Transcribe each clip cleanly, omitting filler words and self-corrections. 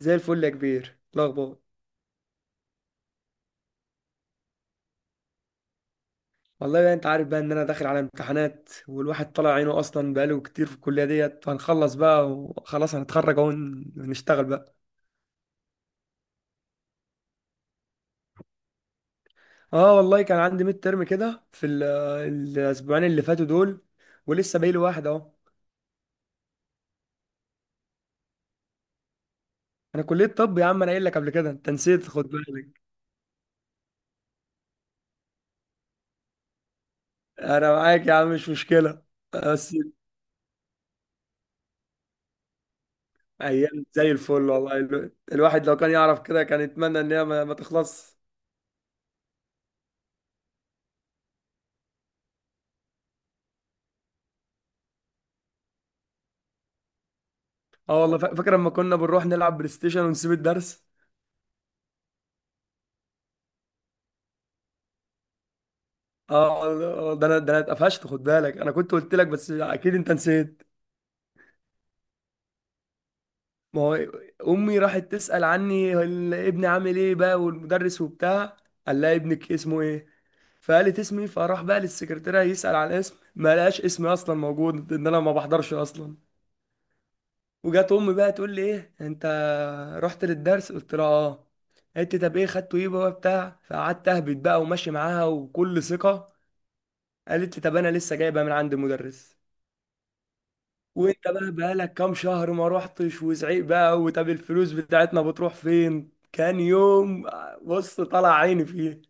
زي الفل يا كبير. الاخبار والله بقى انت عارف بقى ان انا داخل على امتحانات، والواحد طالع عينه اصلا بقاله كتير في الكليه ديت، فهنخلص بقى وخلاص هنتخرج اهو ونشتغل بقى. اه والله كان عندي ميد ترم كده في الاسبوعين اللي فاتوا دول، ولسه باقي لي واحد اهو. انا كليه طب يا عم، انا قايل لك قبل كده، انت نسيت خد بالك. انا معاك يا عم، مش مشكله. بس ايام زي الفل والله، الواحد لو كان يعرف كده كان يتمنى ان هي ما تخلص. اه والله فاكر لما كنا بنروح نلعب بلاي ستيشن ونسيب الدرس. اه، ده انا اتقفشت، خد بالك انا كنت قلت لك، بس اكيد انت نسيت. ما هو امي راحت تسأل عني، ابني عامل ايه بقى والمدرس وبتاع. قال لها ابنك اسمه ايه؟ فقالت اسمي، فراح بقى للسكرتيرة يسأل على الاسم، ما لقاش اسمي اصلا موجود، ان انا ما بحضرش اصلا. وجات امي بقى تقول لي ايه انت رحت للدرس؟ قلت لها اه. قالت لي طب ايه خدته ايه بقى بتاع، فقعدت اهبط بقى وماشي معاها وكل ثقة. قالت لي طب انا لسه جايبها من عند المدرس، وانت بقى بقالك كام شهر ما روحتش، وزعيق بقى، وطب الفلوس بتاعتنا بتروح فين، كان يوم. بص، طلع عيني فيه.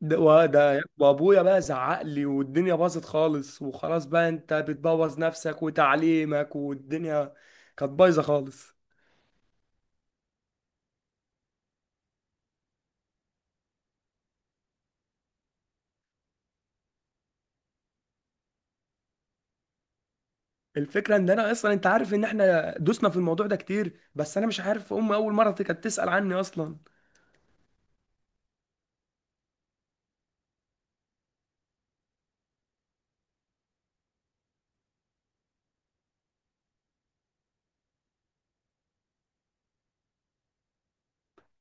ده وده، وابويا بقى زعق لي والدنيا باظت خالص، وخلاص بقى، انت بتبوظ نفسك وتعليمك والدنيا. كانت بايظه خالص. الفكره ان انا اصلا، انت عارف ان احنا دوسنا في الموضوع ده كتير، بس انا مش عارف، امي اول مره كانت تسال عني اصلا.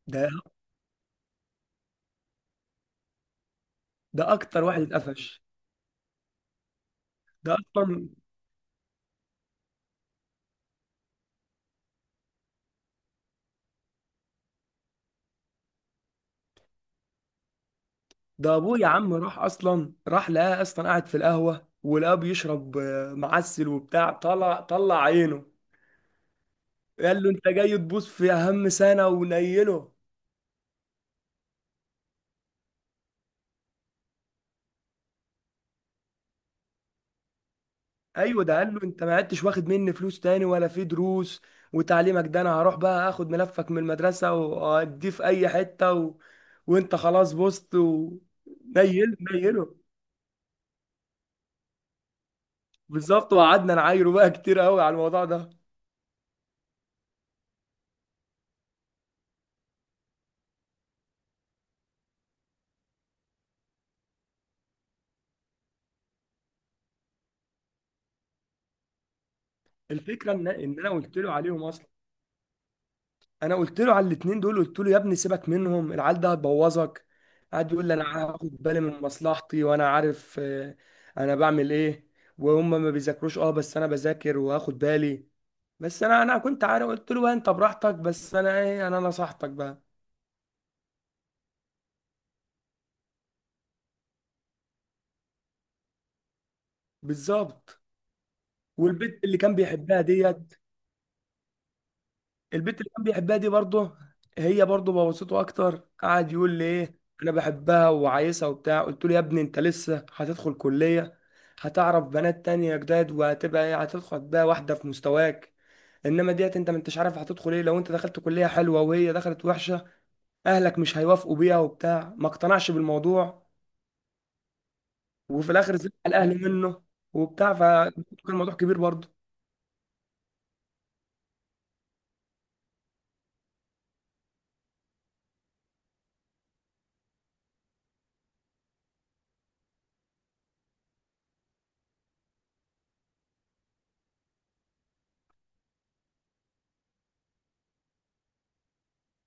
ده ده اكتر واحد اتقفش. ده اصلا ده ابوه، يا عم راح اصلا، راح لقاه اصلا قاعد في القهوه، ولقاه بيشرب معسل وبتاع، طلع عينه. قال له انت جاي تبوظ في اهم سنه ونيله. ايوه، ده قال له انت ما عدتش واخد مني فلوس تاني ولا في دروس وتعليمك، ده انا هروح بقى اخد ملفك من المدرسه واديه في اي حته و... وانت خلاص بوظت و... نيل نيله. بالظبط، وقعدنا نعايره بقى كتير قوي على الموضوع ده. الفكره ان انا قلت له عليهم اصلا. انا قلت له على الاتنين دول، قلت له يا ابني سيبك منهم، العيال ده هتبوظك. قعد يقول لي انا هاخد بالي من مصلحتي، وانا عارف انا بعمل ايه، وهم ما بيذاكروش. اه، بس انا بذاكر وهاخد بالي. بس انا كنت عارف، قلت له بقى انت براحتك، بس انا ايه، انا نصحتك بقى. بالظبط. والبنت اللي كان بيحبها ديت، البنت اللي كان بيحبها دي برضه، هي برضه بوظته اكتر. قعد يقول لي ايه، انا بحبها وعايزها وبتاع. قلت له يا ابني انت لسه هتدخل كليه، هتعرف بنات تانية جداد، وهتبقى ايه، هتدخل بقى واحده في مستواك، انما ديت انت ما انتش عارف هتدخل ايه. لو انت دخلت كليه حلوه وهي دخلت وحشه، اهلك مش هيوافقوا بيها وبتاع. ما اقتنعش بالموضوع، وفي الاخر زعل اهله منه وبتاع، فكان الموضوع كبير برضه.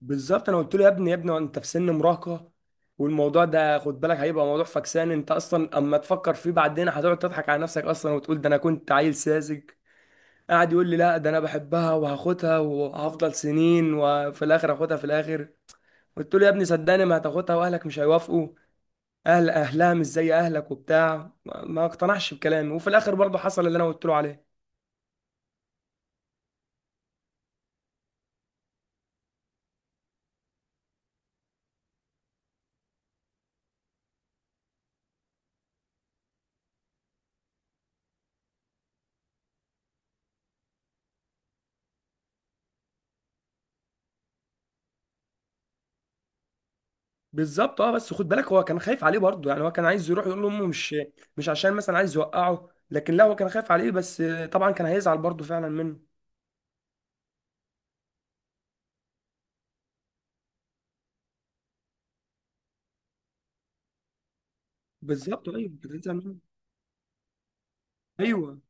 بالظبط، انا قلت له يا ابني انت في سن مراهقه، والموضوع ده خد بالك هيبقى موضوع فكسان. انت اصلا اما تفكر فيه بعدين هتقعد تضحك على نفسك اصلا، وتقول ده انا كنت عيل ساذج. قاعد يقول لي لا، ده انا بحبها وهاخدها، وهفضل سنين وفي الاخر هاخدها في الاخر. قلت له يا ابني صدقني ما هتاخدها، واهلك مش هيوافقوا، اهلها مش زي اهلك وبتاع. ما اقتنعش بكلامي، وفي الاخر برضه حصل اللي انا قلت له عليه. بالظبط اه، بس خد بالك هو كان خايف عليه برضه يعني، هو كان عايز يروح يقول لامه، مش عشان مثلا عايز يوقعه، لكن لا هو كان خايف عليه بس. طبعا كان هيزعل برضه فعلا منه. بالظبط، ايوه كان هيزعل منه. ايوه،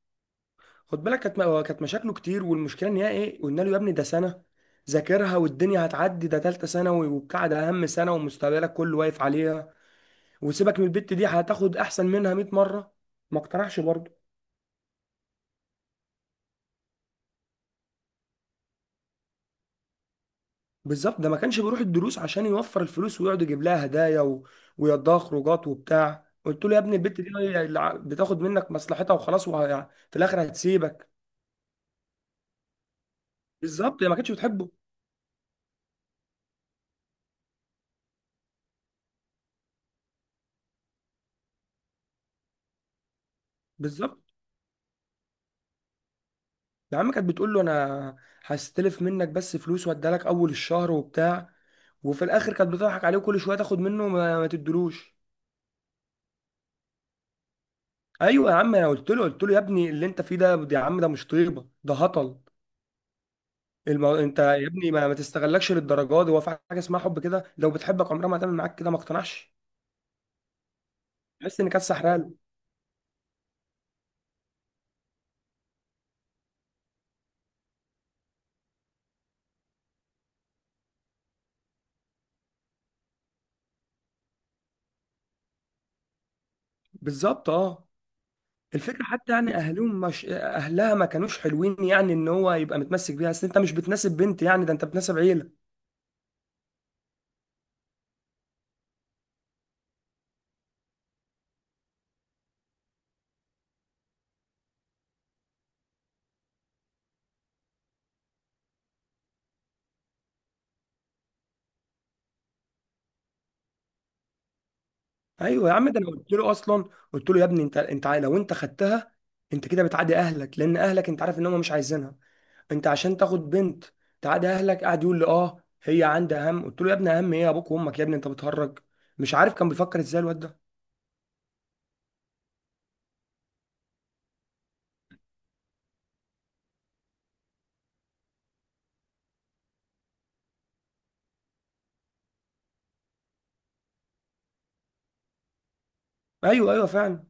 خد بالك كانت هو كانت مشاكله كتير، والمشكله ان هي ايه، قلنا له يا ابني ده سنه ذاكرها، والدنيا هتعدي، ده ثالثه ثانوي وبتاع، ده اهم سنه ومستقبلك كله واقف عليها، وسيبك من البت دي هتاخد احسن منها 100 مره. ما اقتنعش برضه. بالظبط، ده ما كانش بيروح الدروس عشان يوفر الفلوس ويقعد يجيب لها هدايا و... ويقضيها خروجات وبتاع. قلت له يا ابني البت دي هي اللي بتاخد منك مصلحتها وخلاص، وه... يعني في الاخر هتسيبك. بالظبط، هي ما كانتش بتحبه. بالظبط. يا عم كانت بتقول له انا هستلف منك بس فلوس واديها لك اول الشهر وبتاع، وفي الاخر كانت بتضحك عليه، وكل شويه تاخد منه ما تدلوش. ايوه يا عم، انا قلت له يا ابني اللي انت فيه ده، يا عم ده مش طيبه، ده هطل انت يا ابني، ما تستغلكش للدرجه دي، هو في حاجه اسمها حب كده، لو بتحبك عمرها ما هتعمل معاك كده. ما اقتنعش. تحس ان كانت سحرال. بالظبط اه. الفكره حتى يعني اهلهم مش اهلها ما كانوش حلوين، يعني ان هو يبقى متمسك بيها، اصل انت مش بتناسب بنت يعني، ده انت بتناسب عيله. ايوه يا عم، ده انا قلت له اصلا، قلت له يا ابني، انت لو انت خدتها انت كده بتعادي اهلك، لان اهلك انت عارف ان هم مش عايزينها. انت عشان تاخد بنت تعاد اهلك؟ قاعد يقول لي اه هي عندها هم. قلت له يا ابني هم ايه؟ ابوك وامك يا ابني، انت بتهرج. مش عارف كان بيفكر ازاي الواد ده. ايوه، ايوه فعلا.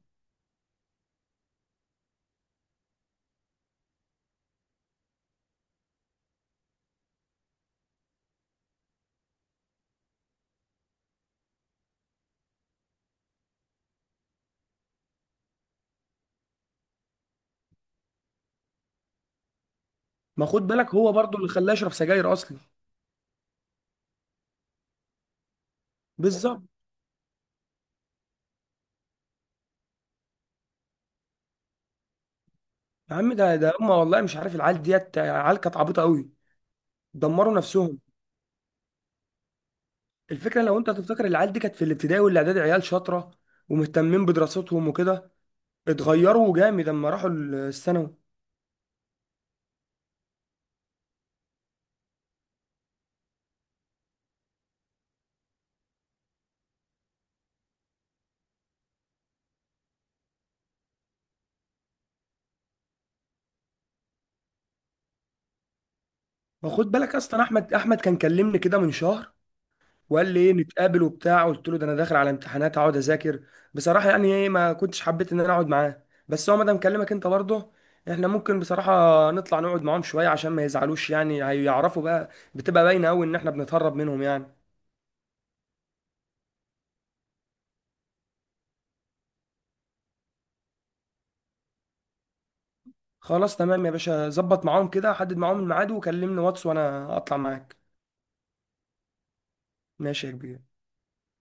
ما خد بالك هو برضو اللي خلاه يشرب سجاير اصلا. بالظبط. يا عم ده ده هم والله، مش عارف العيال ديت عيال كانت عبيطه قوي، دمروا نفسهم. الفكره لو انت تفتكر العيال دي كانت في الابتدائي والاعدادي عيال شاطره ومهتمين بدراستهم وكده، اتغيروا جامد لما راحوا الثانوي. ما خد بالك اصلا، احمد كان كلمني كده من شهر، وقال لي ايه نتقابل وبتاع. قلت له ده انا داخل على امتحانات اقعد اذاكر. بصراحه يعني ايه، ما كنتش حبيت ان انا اقعد معاه، بس هو مادام كلمك انت برضه، احنا ممكن بصراحه نطلع نقعد معاهم شويه عشان ما يزعلوش، يعني هيعرفوا بقى، بتبقى باينه قوي ان احنا بنتهرب منهم يعني. خلاص تمام يا باشا، ظبط معاهم كده، حدد معاهم الميعاد وكلمني واتس وانا اطلع معاك. ماشي يا كبير.